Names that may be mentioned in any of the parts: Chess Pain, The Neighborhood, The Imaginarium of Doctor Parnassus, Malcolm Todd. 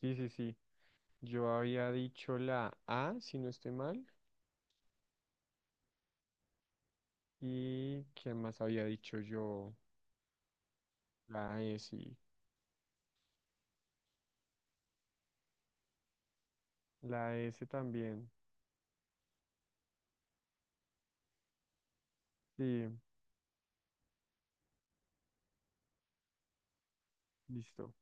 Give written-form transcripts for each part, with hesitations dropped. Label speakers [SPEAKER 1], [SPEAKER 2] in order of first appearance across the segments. [SPEAKER 1] Sí, sí, sí. Yo había dicho la A, si no estoy mal. ¿Y quién más había dicho yo? La S. La S también. Sí, listo.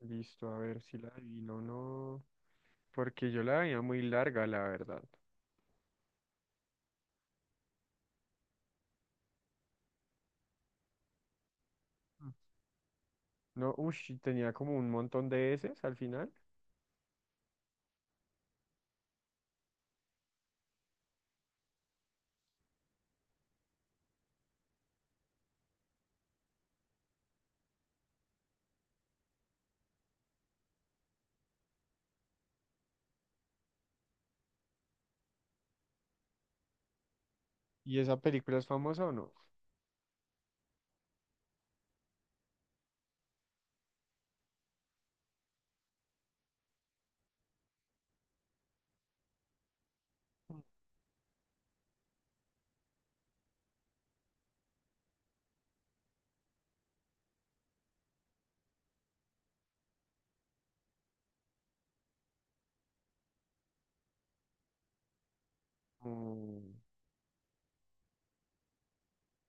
[SPEAKER 1] Listo, a ver si la adivino o no. Porque yo la veía muy larga, la verdad. Mm. No, uff, tenía como un montón de S al final. ¿Y esa película es famosa o no? Mm,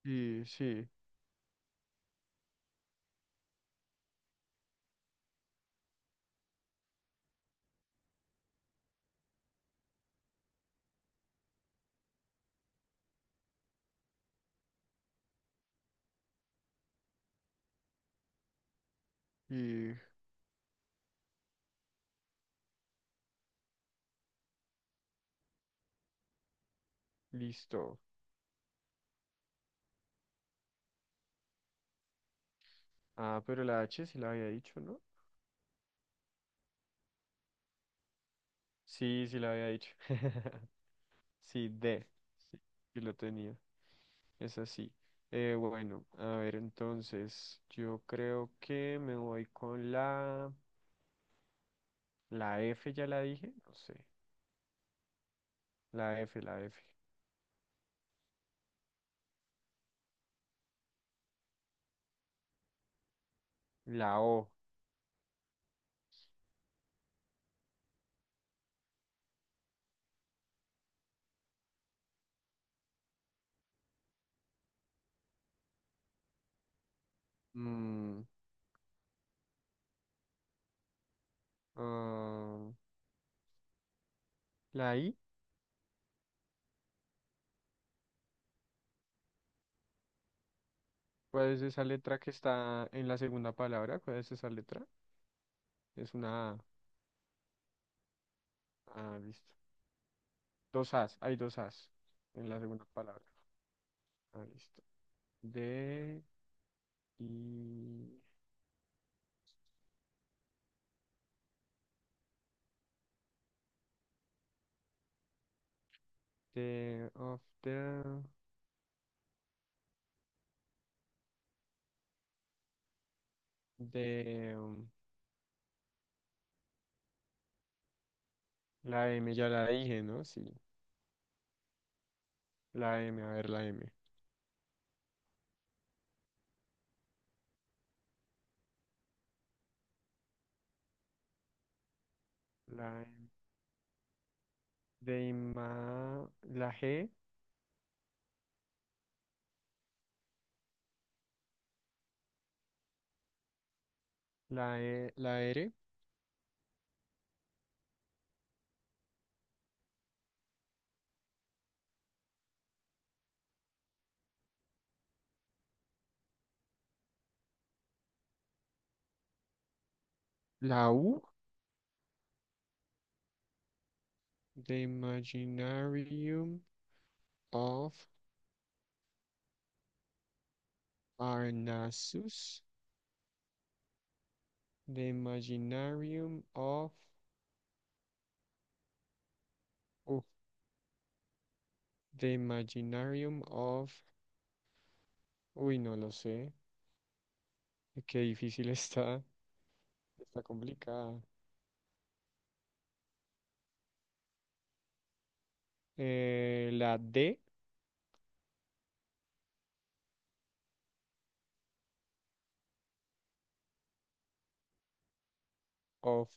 [SPEAKER 1] sí, sí. Y listo. Ah, pero la H sí la había dicho, ¿no? Sí, sí la había dicho. Sí, D. Sí, sí lo tenía. Es así. Bueno, a ver, entonces, yo creo que me voy con la F, ya la dije, no sé. La F, la F. La O. Mm, ah, la I. ¿Cuál es esa letra que está en la segunda palabra? ¿Cuál es esa letra? Es una A. Ah, listo. Dos As, hay dos As en la segunda palabra. Ah, listo. D, I, D, of the. De la M, ya la dije, ¿no? Sí, la M, a ver, la M. La M, de la G, la E, la R, la U, The Imaginarium of Parnassus, The Imaginarium of, uh, The Imaginarium of, uy, no lo sé, qué difícil está, está complicada. La D of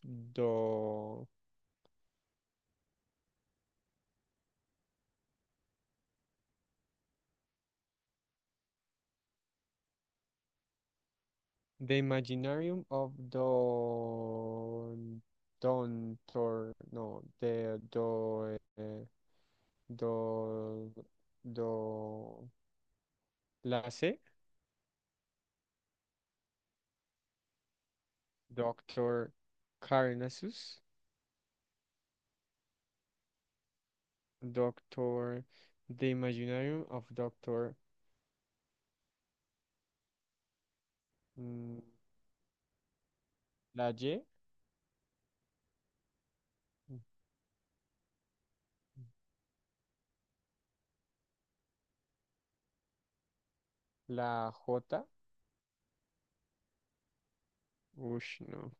[SPEAKER 1] The Imaginarium of Don Don Tor no de do do do Lasse, Doctor Carnassus, Doctor The Imaginarium of Doctor mm, Laje, la J, ush no,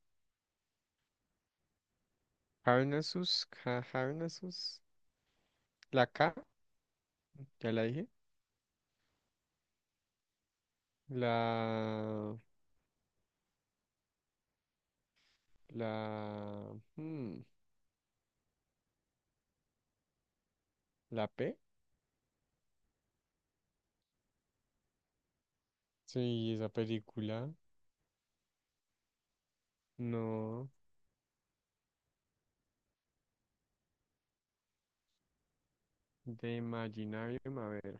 [SPEAKER 1] Carnassus, Carnassus, la K, ya la dije, la la hmm, ¿la P? Sí, esa película. No, de Imaginarium. A ver,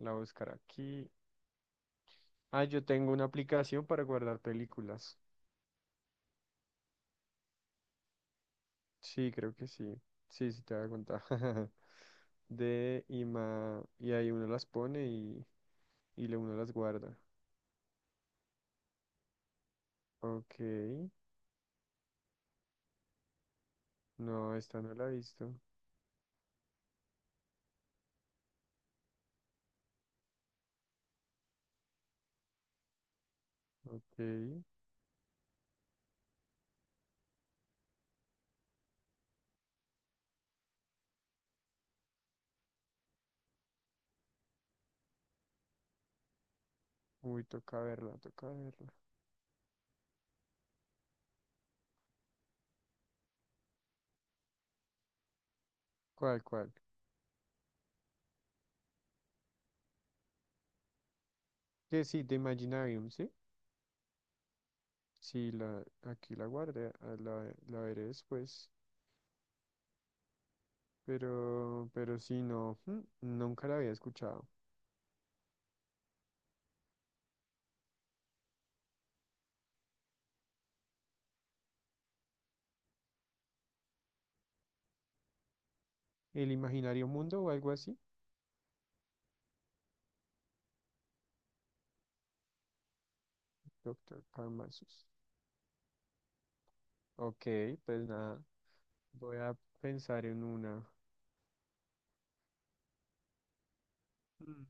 [SPEAKER 1] la buscar aquí. Ah, yo tengo una aplicación para guardar películas. Sí, creo que sí. Sí, sí, te voy a contar. De Ima. Y ahí uno las pone y, uno las guarda. Ok. No, esta no la he visto. Ok. Uy, toca verla, toca verla. ¿Cuál, cuál? Que sí, de Imaginarium, ¿sí? Sí, la, aquí la guardé. Ah, la veré después. Pero sí, no, mm, nunca la había escuchado. ¿El imaginario mundo o algo así? Doctor Karamazos. Ok, pues nada, voy a pensar en una. Mm.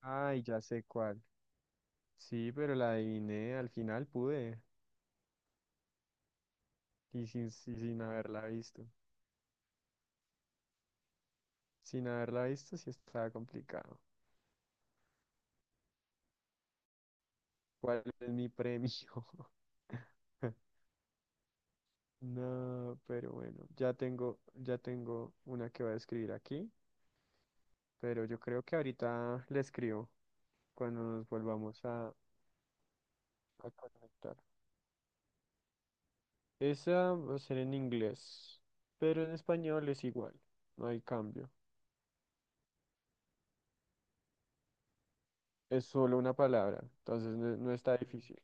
[SPEAKER 1] Ay, ya sé cuál. Sí, pero la adiviné, al final pude. Y sin haberla visto. Sin haberla visto, sí estaba complicado. ¿Cuál es mi premio? No, pero bueno, ya tengo una que voy a escribir aquí, pero yo creo que ahorita le escribo. Cuando nos volvamos a conectar. Esa va a ser en inglés, pero en español es igual, no hay cambio. Es solo una palabra, entonces no está difícil.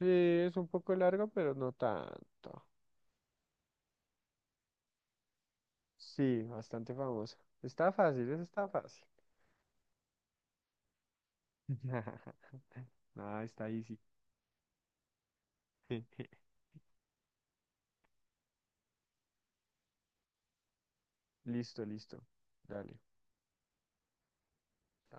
[SPEAKER 1] Sí, es un poco largo, pero no tanto. Sí, bastante famosa. Está fácil, eso está fácil. Nada, está easy. Listo, listo. Dale.